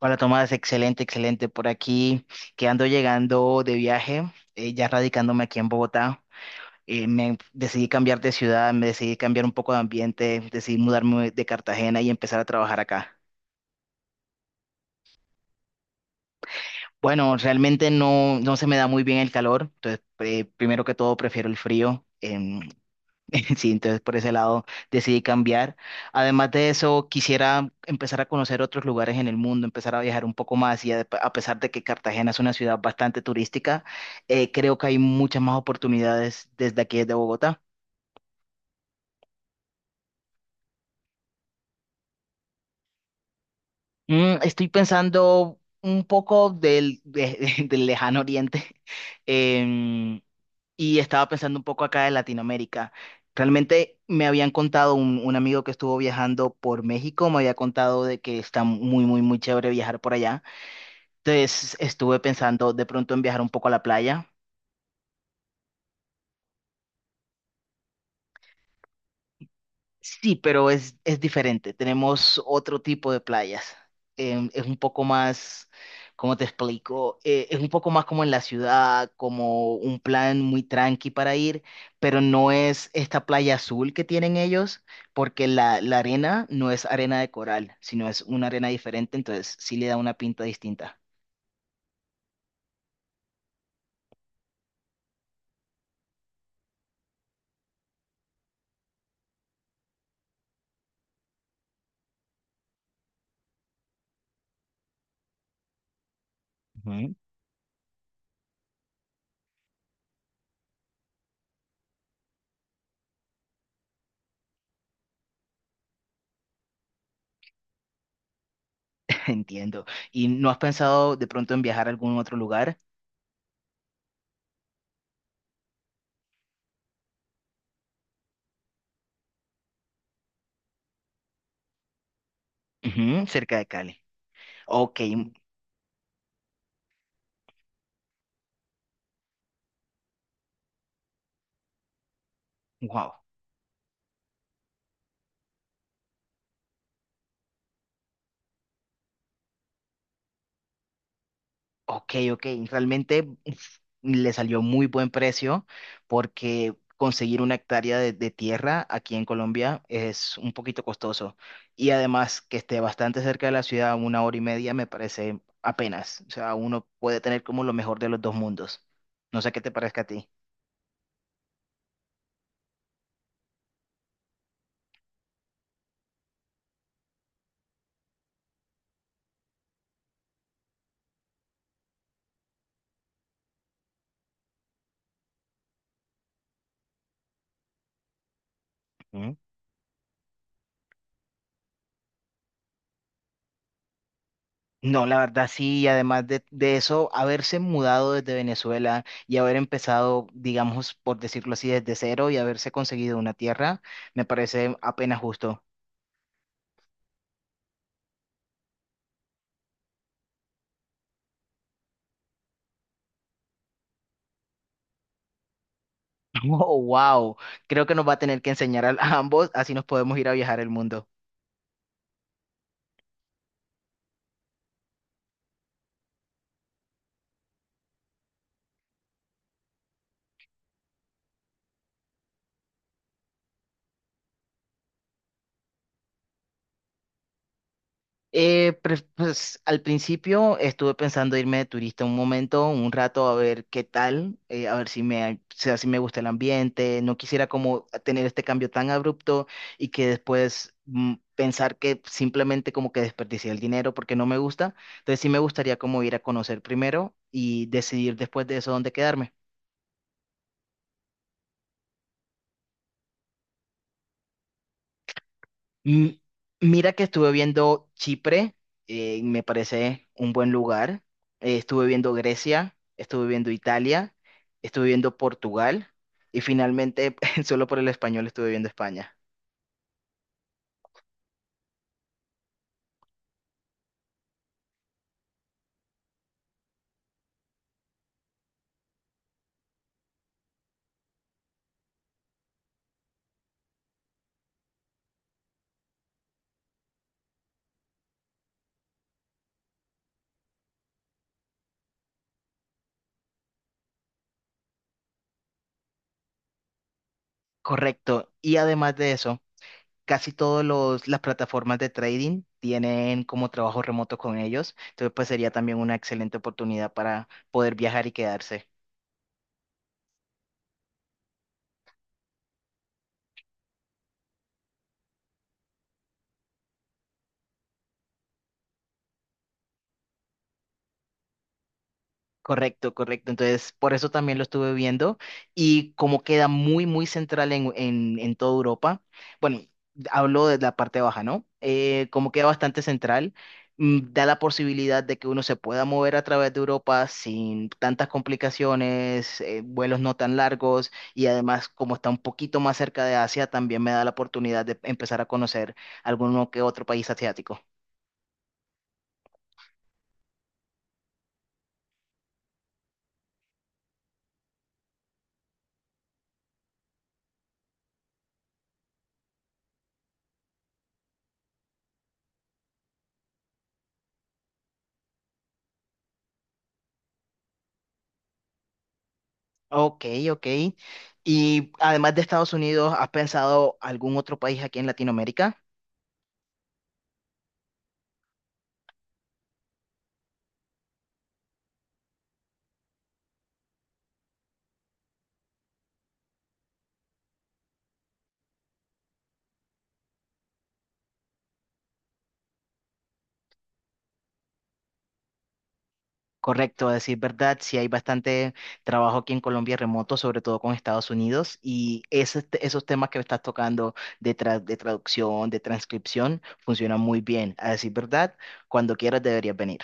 Hola Tomás, excelente, excelente por aquí, que ando llegando de viaje, ya radicándome aquí en Bogotá. Me decidí cambiar de ciudad, me decidí cambiar un poco de ambiente, decidí mudarme de Cartagena y empezar a trabajar acá. Bueno, realmente no se me da muy bien el calor, entonces primero que todo prefiero el frío. Sí, entonces por ese lado decidí cambiar. Además de eso, quisiera empezar a conocer otros lugares en el mundo, empezar a viajar un poco más y, a pesar de que Cartagena es una ciudad bastante turística, creo que hay muchas más oportunidades desde aquí, desde Bogotá. Estoy pensando un poco del lejano oriente. Em, y estaba pensando un poco acá de Latinoamérica. Realmente me habían contado un amigo que estuvo viajando por México, me había contado de que está muy, muy, muy chévere viajar por allá. Entonces estuve pensando de pronto en viajar un poco a la playa. Sí, pero es diferente. Tenemos otro tipo de playas. Es un poco más, ¿cómo te explico? Es un poco más como en la ciudad, como un plan muy tranqui para ir, pero no es esta playa azul que tienen ellos, porque la arena no es arena de coral, sino es una arena diferente, entonces sí le da una pinta distinta. Ujú, entiendo. ¿Y no has pensado de pronto en viajar a algún otro lugar? Ujú, cerca de Cali. Ok, wow. Ok, ok. Realmente uf, le salió muy buen precio porque conseguir una hectárea de tierra aquí en Colombia es un poquito costoso. Y además que esté bastante cerca de la ciudad, una hora y media, me parece apenas. O sea, uno puede tener como lo mejor de los dos mundos. No sé qué te parezca a ti. Ujú. No, la verdad sí, y además de eso, haberse mudado desde Venezuela y haber empezado, digamos, por decirlo así, desde cero y haberse conseguido una tierra, me parece apenas justo. Oh, wow. Creo que nos va a tener que enseñar a ambos, así nos podemos ir a viajar el mundo. Pues al principio estuve pensando irme de turista un momento, un rato, a ver qué tal, a ver si me, o sea, si me gusta el ambiente. No quisiera como tener este cambio tan abrupto y que después pensar que simplemente como que desperdicié el dinero porque no me gusta. Entonces sí me gustaría como ir a conocer primero y decidir después de eso dónde quedarme. Mm, Mira que estuve viendo Chipre, me parece un buen lugar. Estuve viendo Grecia, estuve viendo Italia, estuve viendo Portugal y finalmente, solo por el español, estuve viendo España. Correcto. Y además de eso, casi todas las plataformas de trading tienen como trabajo remoto con ellos. Entonces, pues sería también una excelente oportunidad para poder viajar y quedarse. Correcto, correcto. Entonces, por eso también lo estuve viendo y como queda muy, muy central en toda Europa. Bueno, hablo de la parte baja, ¿no? Como queda bastante central, da la posibilidad de que uno se pueda mover a través de Europa sin tantas complicaciones, vuelos no tan largos y además como está un poquito más cerca de Asia, también me da la oportunidad de empezar a conocer alguno que otro país asiático. Ok, ok. Y además de Estados Unidos, ¿has pensado algún otro país aquí en Latinoamérica? Correcto, a decir verdad, sí hay bastante trabajo aquí en Colombia remoto, sobre todo con Estados Unidos, y esos temas que estás tocando de traducción, de transcripción, funcionan muy bien. A decir verdad, cuando quieras deberías venir.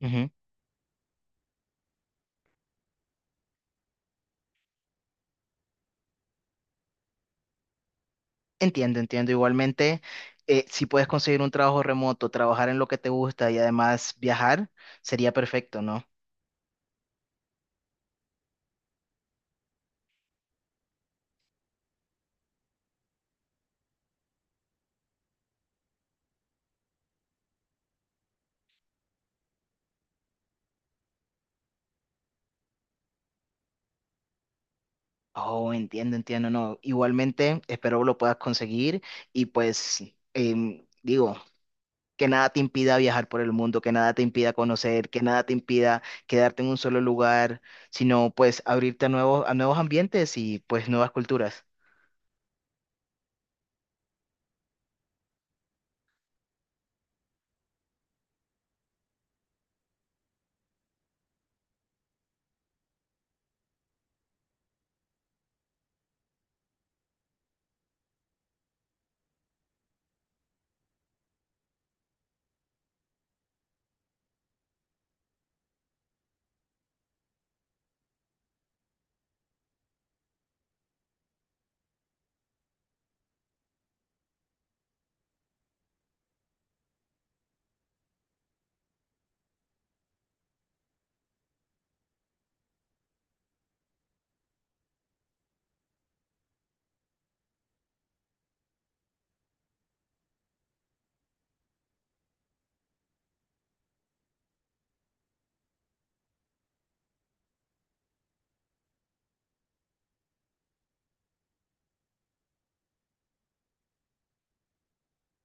Ujú. Entiendo, entiendo. Igualmente, si puedes conseguir un trabajo remoto, trabajar en lo que te gusta y además viajar, sería perfecto, ¿no? Oh, entiendo, entiendo, no. Igualmente, espero lo puedas conseguir y pues digo, que nada te impida viajar por el mundo, que nada te impida conocer, que nada te impida quedarte en un solo lugar, sino pues abrirte a nuevos ambientes y pues nuevas culturas.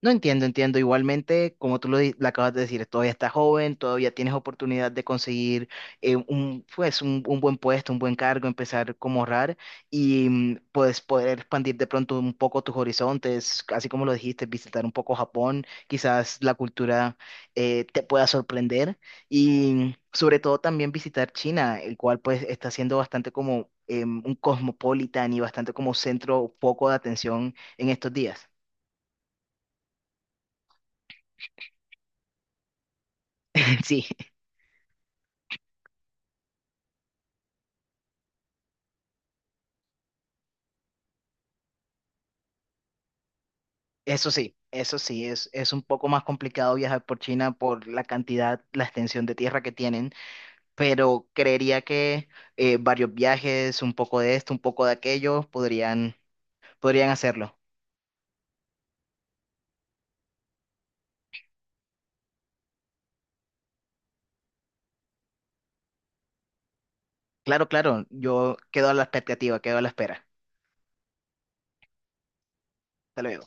No entiendo, entiendo. Igualmente, como tú lo acabas de decir, todavía estás joven, todavía tienes oportunidad de conseguir pues un buen puesto, un buen cargo, empezar como ahorrar y pues poder expandir de pronto un poco tus horizontes, así como lo dijiste, visitar un poco Japón, quizás la cultura te pueda sorprender y sobre todo también visitar China, el cual pues está siendo bastante como un cosmopolitan y bastante como centro, foco de atención en estos días. Sí. Eso sí, eso sí, es un poco más complicado viajar por China por la cantidad, la extensión de tierra que tienen, pero creería que varios viajes, un poco de esto, un poco de aquello, podrían hacerlo. Claro, claro, yo quedo a la expectativa, quedo a la espera. Hasta luego.